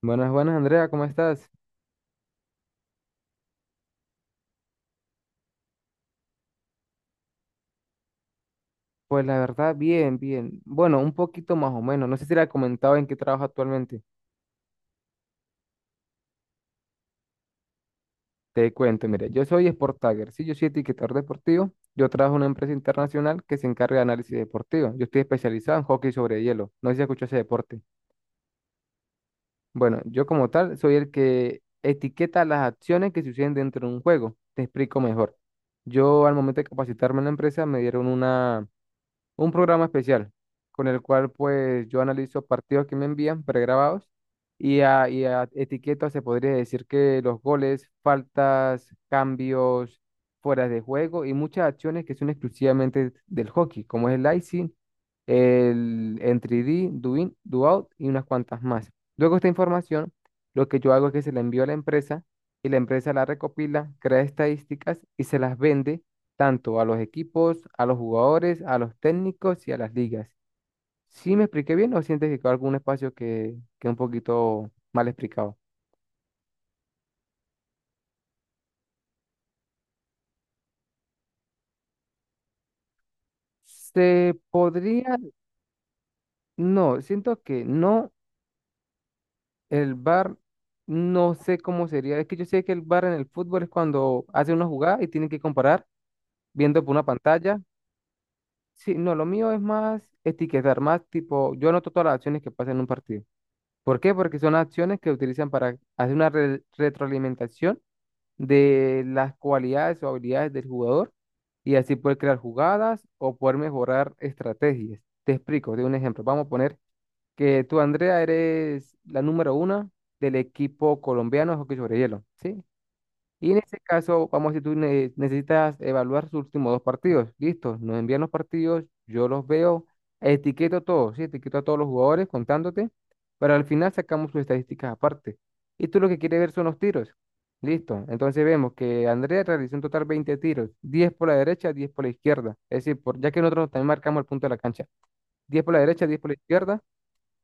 Buenas, buenas, Andrea, ¿cómo estás? Pues la verdad, bien, bien. Bueno, un poquito más o menos. No sé si le he comentado en qué trabajo actualmente. Te cuento, mire yo soy Sport Tagger, sí, yo soy etiquetador deportivo. Yo trabajo en una empresa internacional que se encarga de análisis deportivo. Yo estoy especializado en hockey sobre hielo. No sé si escuchó ese deporte. Bueno, yo como tal soy el que etiqueta las acciones que suceden dentro de un juego. Te explico mejor. Yo al momento de capacitarme en la empresa me dieron una un programa especial con el cual pues yo analizo partidos que me envían pregrabados y a etiquetas se podría decir que los goles, faltas, cambios, fueras de juego y muchas acciones que son exclusivamente del hockey, como es el icing, el entry D, do in, do out y unas cuantas más. Luego esta información, lo que yo hago es que se la envío a la empresa y la empresa la recopila, crea estadísticas y se las vende tanto a los equipos, a los jugadores, a los técnicos y a las ligas. ¿Sí me expliqué bien o sientes que quedó algún espacio que un poquito mal explicado? Se podría, no, siento que no, el VAR, no sé cómo sería. Es que yo sé que el VAR en el fútbol es cuando hace una jugada y tienen que comparar viendo por una pantalla. Sí, no, lo mío es más etiquetar, más tipo, yo anoto todas las acciones que pasan en un partido. ¿Por qué? Porque son acciones que utilizan para hacer una retroalimentación de las cualidades o habilidades del jugador y así poder crear jugadas o poder mejorar estrategias. Te explico, te doy un ejemplo. Vamos a poner que tú, Andrea, eres la número una del equipo colombiano de hockey sobre hielo, ¿sí? Y en ese caso, vamos a decir, necesitas evaluar sus últimos dos partidos. Listo, nos envían los partidos, yo los veo, etiqueto a todos, sí, etiqueto a todos los jugadores contándote, pero al final sacamos sus estadísticas aparte. Y tú lo que quieres ver son los tiros. Listo, entonces vemos que Andrea realizó en total 20 tiros, 10 por la derecha, 10 por la izquierda. Es decir, por, ya que nosotros también marcamos el punto de la cancha, 10 por la derecha, 10 por la izquierda,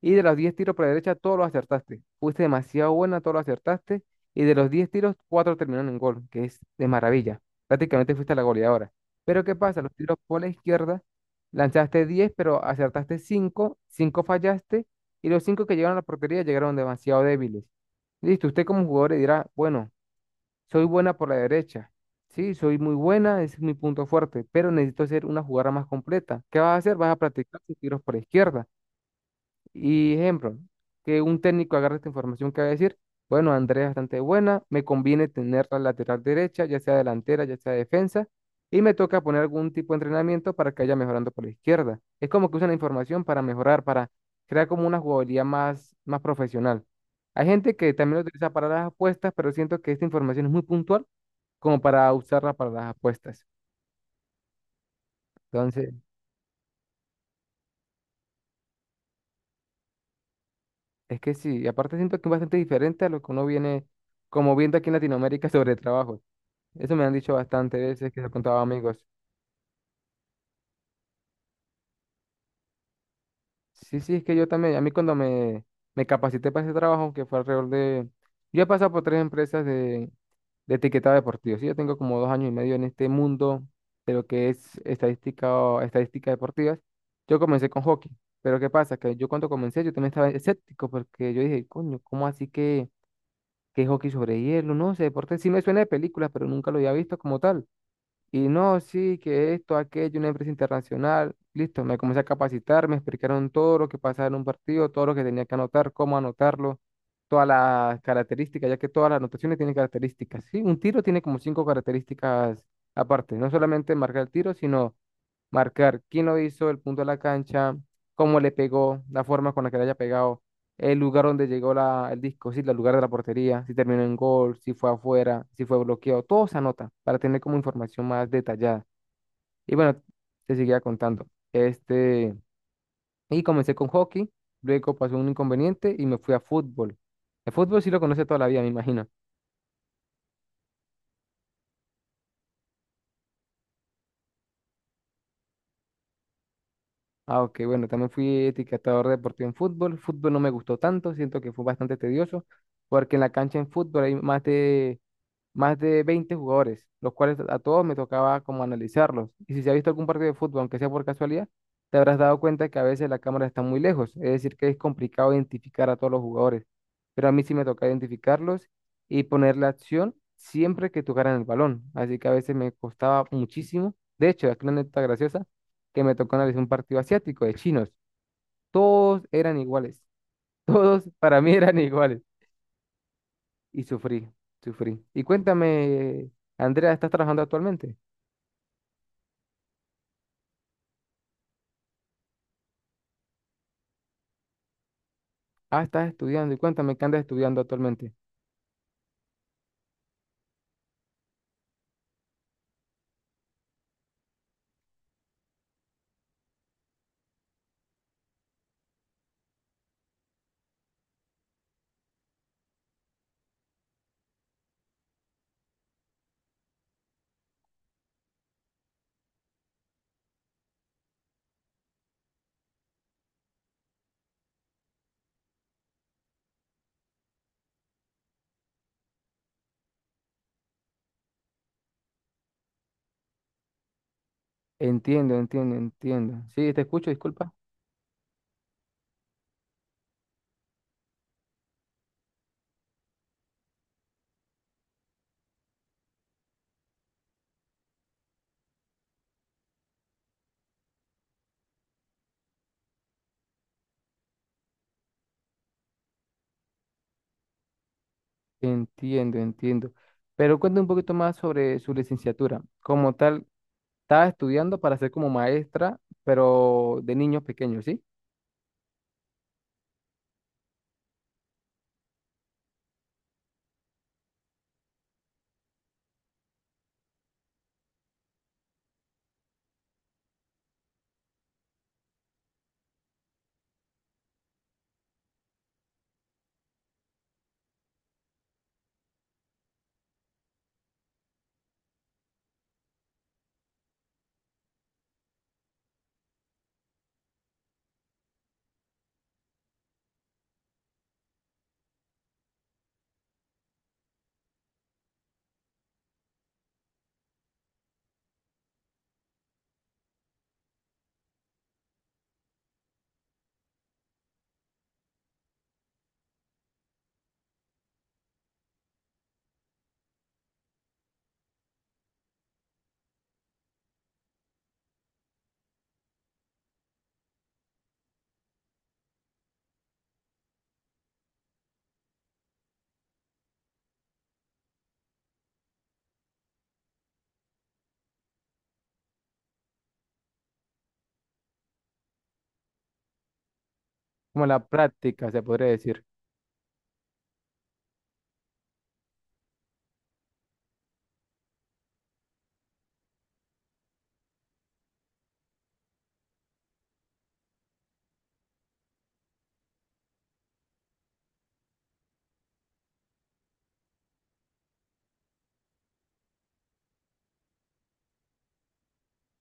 y de los 10 tiros por la derecha, todos los acertaste. Fuiste demasiado buena, todos los acertaste. Y de los 10 tiros, 4 terminaron en gol, que es de maravilla. Prácticamente fuiste la goleadora. Pero ¿qué pasa? Los tiros por la izquierda, lanzaste 10 pero acertaste cinco, 5 fallaste. Y los 5 que llegaron a la portería llegaron demasiado débiles. Listo, usted como jugador le dirá, bueno, soy buena por la derecha. Sí, soy muy buena, ese es mi punto fuerte, pero necesito hacer una jugada más completa. ¿Qué vas a hacer? Vas a practicar tus tiros por la izquierda. Y ejemplo, que un técnico agarre esta información que va a decir, bueno, Andrea es bastante buena, me conviene tener la lateral derecha, ya sea delantera, ya sea defensa, y me toca poner algún tipo de entrenamiento para que vaya mejorando por la izquierda. Es como que usan la información para mejorar, para crear como una jugabilidad más, más profesional. Hay gente que también lo utiliza para las apuestas, pero siento que esta información es muy puntual como para usarla para las apuestas. Entonces, es que sí, y aparte siento que es bastante diferente a lo que uno viene como viendo aquí en Latinoamérica sobre trabajos. Eso me han dicho bastante veces que se lo contaba a amigos. Sí, sí, es que yo también, a mí cuando me capacité para ese trabajo, que fue alrededor de... Yo he pasado por tres empresas de etiquetado deportivo, sí, yo tengo como 2 años y medio en este mundo de lo que es estadística o estadísticas deportivas. Yo comencé con hockey, pero ¿qué pasa? Que yo cuando comencé yo también estaba escéptico porque yo dije, coño, ¿cómo así que hockey sobre hielo? No sé, deporte sí me suena de películas, pero nunca lo había visto como tal. Y no, sí, que esto, aquello, una empresa internacional. Listo, me comencé a capacitar, me explicaron todo lo que pasaba en un partido, todo lo que tenía que anotar, cómo anotarlo, todas las características, ya que todas las anotaciones tienen características. Sí, un tiro tiene como cinco características aparte, no solamente marcar el tiro, sino marcar quién lo hizo, el punto de la cancha, cómo le pegó, la forma con la que le haya pegado, el lugar donde llegó la, el disco, sí, el lugar de la portería, si terminó en gol, si fue afuera, si fue bloqueado, todo se anota para tener como información más detallada. Y bueno, te seguía contando. Este, y comencé con hockey, luego pasó un inconveniente y me fui a fútbol. El fútbol sí lo conoce toda la vida, me imagino. Ah, ok, bueno, también fui etiquetador deportivo en fútbol. Fútbol no me gustó tanto, siento que fue bastante tedioso, porque en la cancha en fútbol hay más de 20 jugadores, los cuales a todos me tocaba como analizarlos. Y si se ha visto algún partido de fútbol, aunque sea por casualidad, te habrás dado cuenta que a veces la cámara está muy lejos, es decir, que es complicado identificar a todos los jugadores. Pero a mí sí me toca identificarlos y poner la acción siempre que tocaran el balón. Así que a veces me costaba muchísimo. De hecho, aquí una anécdota graciosa que me tocó analizar un partido asiático de chinos. Todos eran iguales. Todos para mí eran iguales. Y sufrí, sufrí. Y cuéntame, Andrea, ¿estás trabajando actualmente? Ah, estás estudiando. Y cuéntame, ¿qué andas estudiando actualmente? Entiendo, entiendo, entiendo. Sí, te escucho, disculpa. Entiendo, entiendo. Pero cuéntame un poquito más sobre su licenciatura. Como tal, estaba estudiando para ser como maestra, pero de niños pequeños, ¿sí? Como la práctica, se podría decir.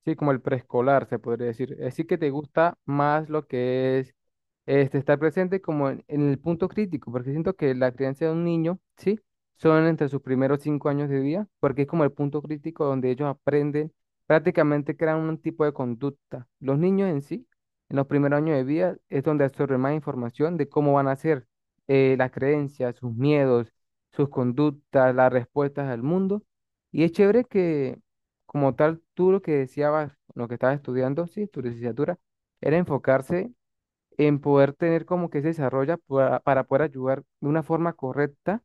Sí, como el preescolar, se podría decir. Así que te gusta más lo que es este, estar presente como en el punto crítico, porque siento que la crianza de un niño, ¿sí? Son entre sus primeros 5 años de vida, porque es como el punto crítico donde ellos aprenden, prácticamente crean un tipo de conducta. Los niños en sí, en los primeros años de vida, es donde absorben más información de cómo van a ser las creencias, sus miedos, sus conductas, las respuestas al mundo. Y es chévere que como tal, tú lo que deseabas, lo que estabas estudiando, sí, tu licenciatura, era enfocarse en poder tener como que ese desarrollo para poder ayudar de una forma correcta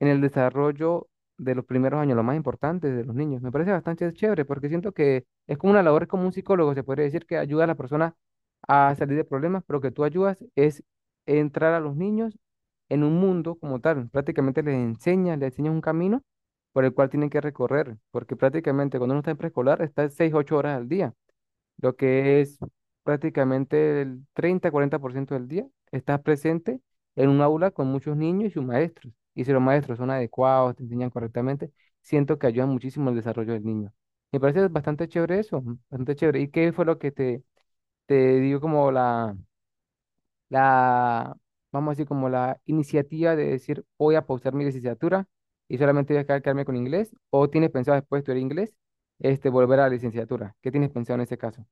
en el desarrollo de los primeros años, lo más importante de los niños. Me parece bastante chévere porque siento que es como una labor, es como un psicólogo, se podría decir que ayuda a las personas a salir de problemas, pero que tú ayudas es entrar a los niños en un mundo como tal. Prácticamente les enseñas un camino por el cual tienen que recorrer, porque prácticamente cuando uno está en preescolar está 6, 8 horas al día lo que es prácticamente el 30, 40% del día, estás presente en un aula con muchos niños y sus maestros. Y si los maestros son adecuados, te enseñan correctamente, siento que ayudan muchísimo el desarrollo del niño. Me parece bastante chévere eso, bastante chévere. ¿Y qué fue lo que te dio como la, vamos a decir, como la iniciativa de decir, voy a pausar mi licenciatura y solamente voy a quedarme con inglés? ¿O tienes pensado después de estudiar inglés, este, volver a la licenciatura? ¿Qué tienes pensado en ese caso?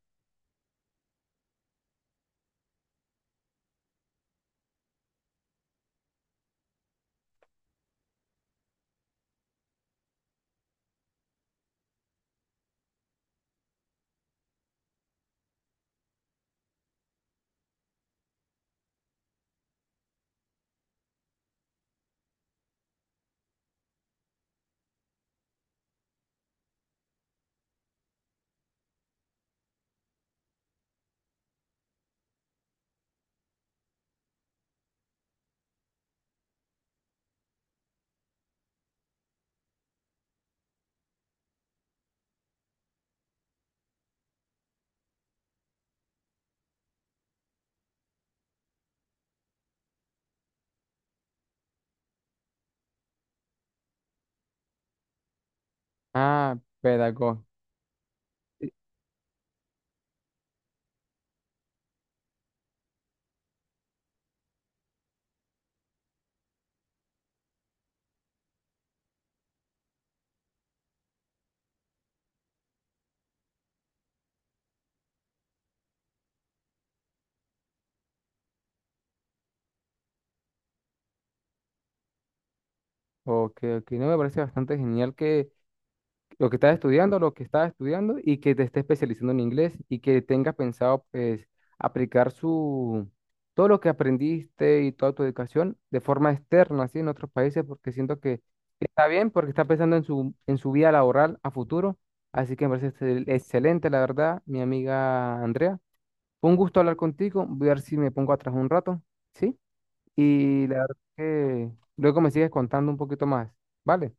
Ah, pedagogo. Ok, ok. No, me parece bastante genial que lo que estás estudiando, lo que estás estudiando y que te estés especializando en inglés y que tengas pensado, pues, aplicar su, todo lo que aprendiste y toda tu educación de forma externa, así en otros países, porque siento que está bien, porque está pensando en su vida laboral a futuro. Así que me parece excelente, la verdad, mi amiga Andrea. Fue un gusto hablar contigo. Voy a ver si me pongo atrás un rato, ¿sí? Y la verdad que luego me sigues contando un poquito más, ¿vale?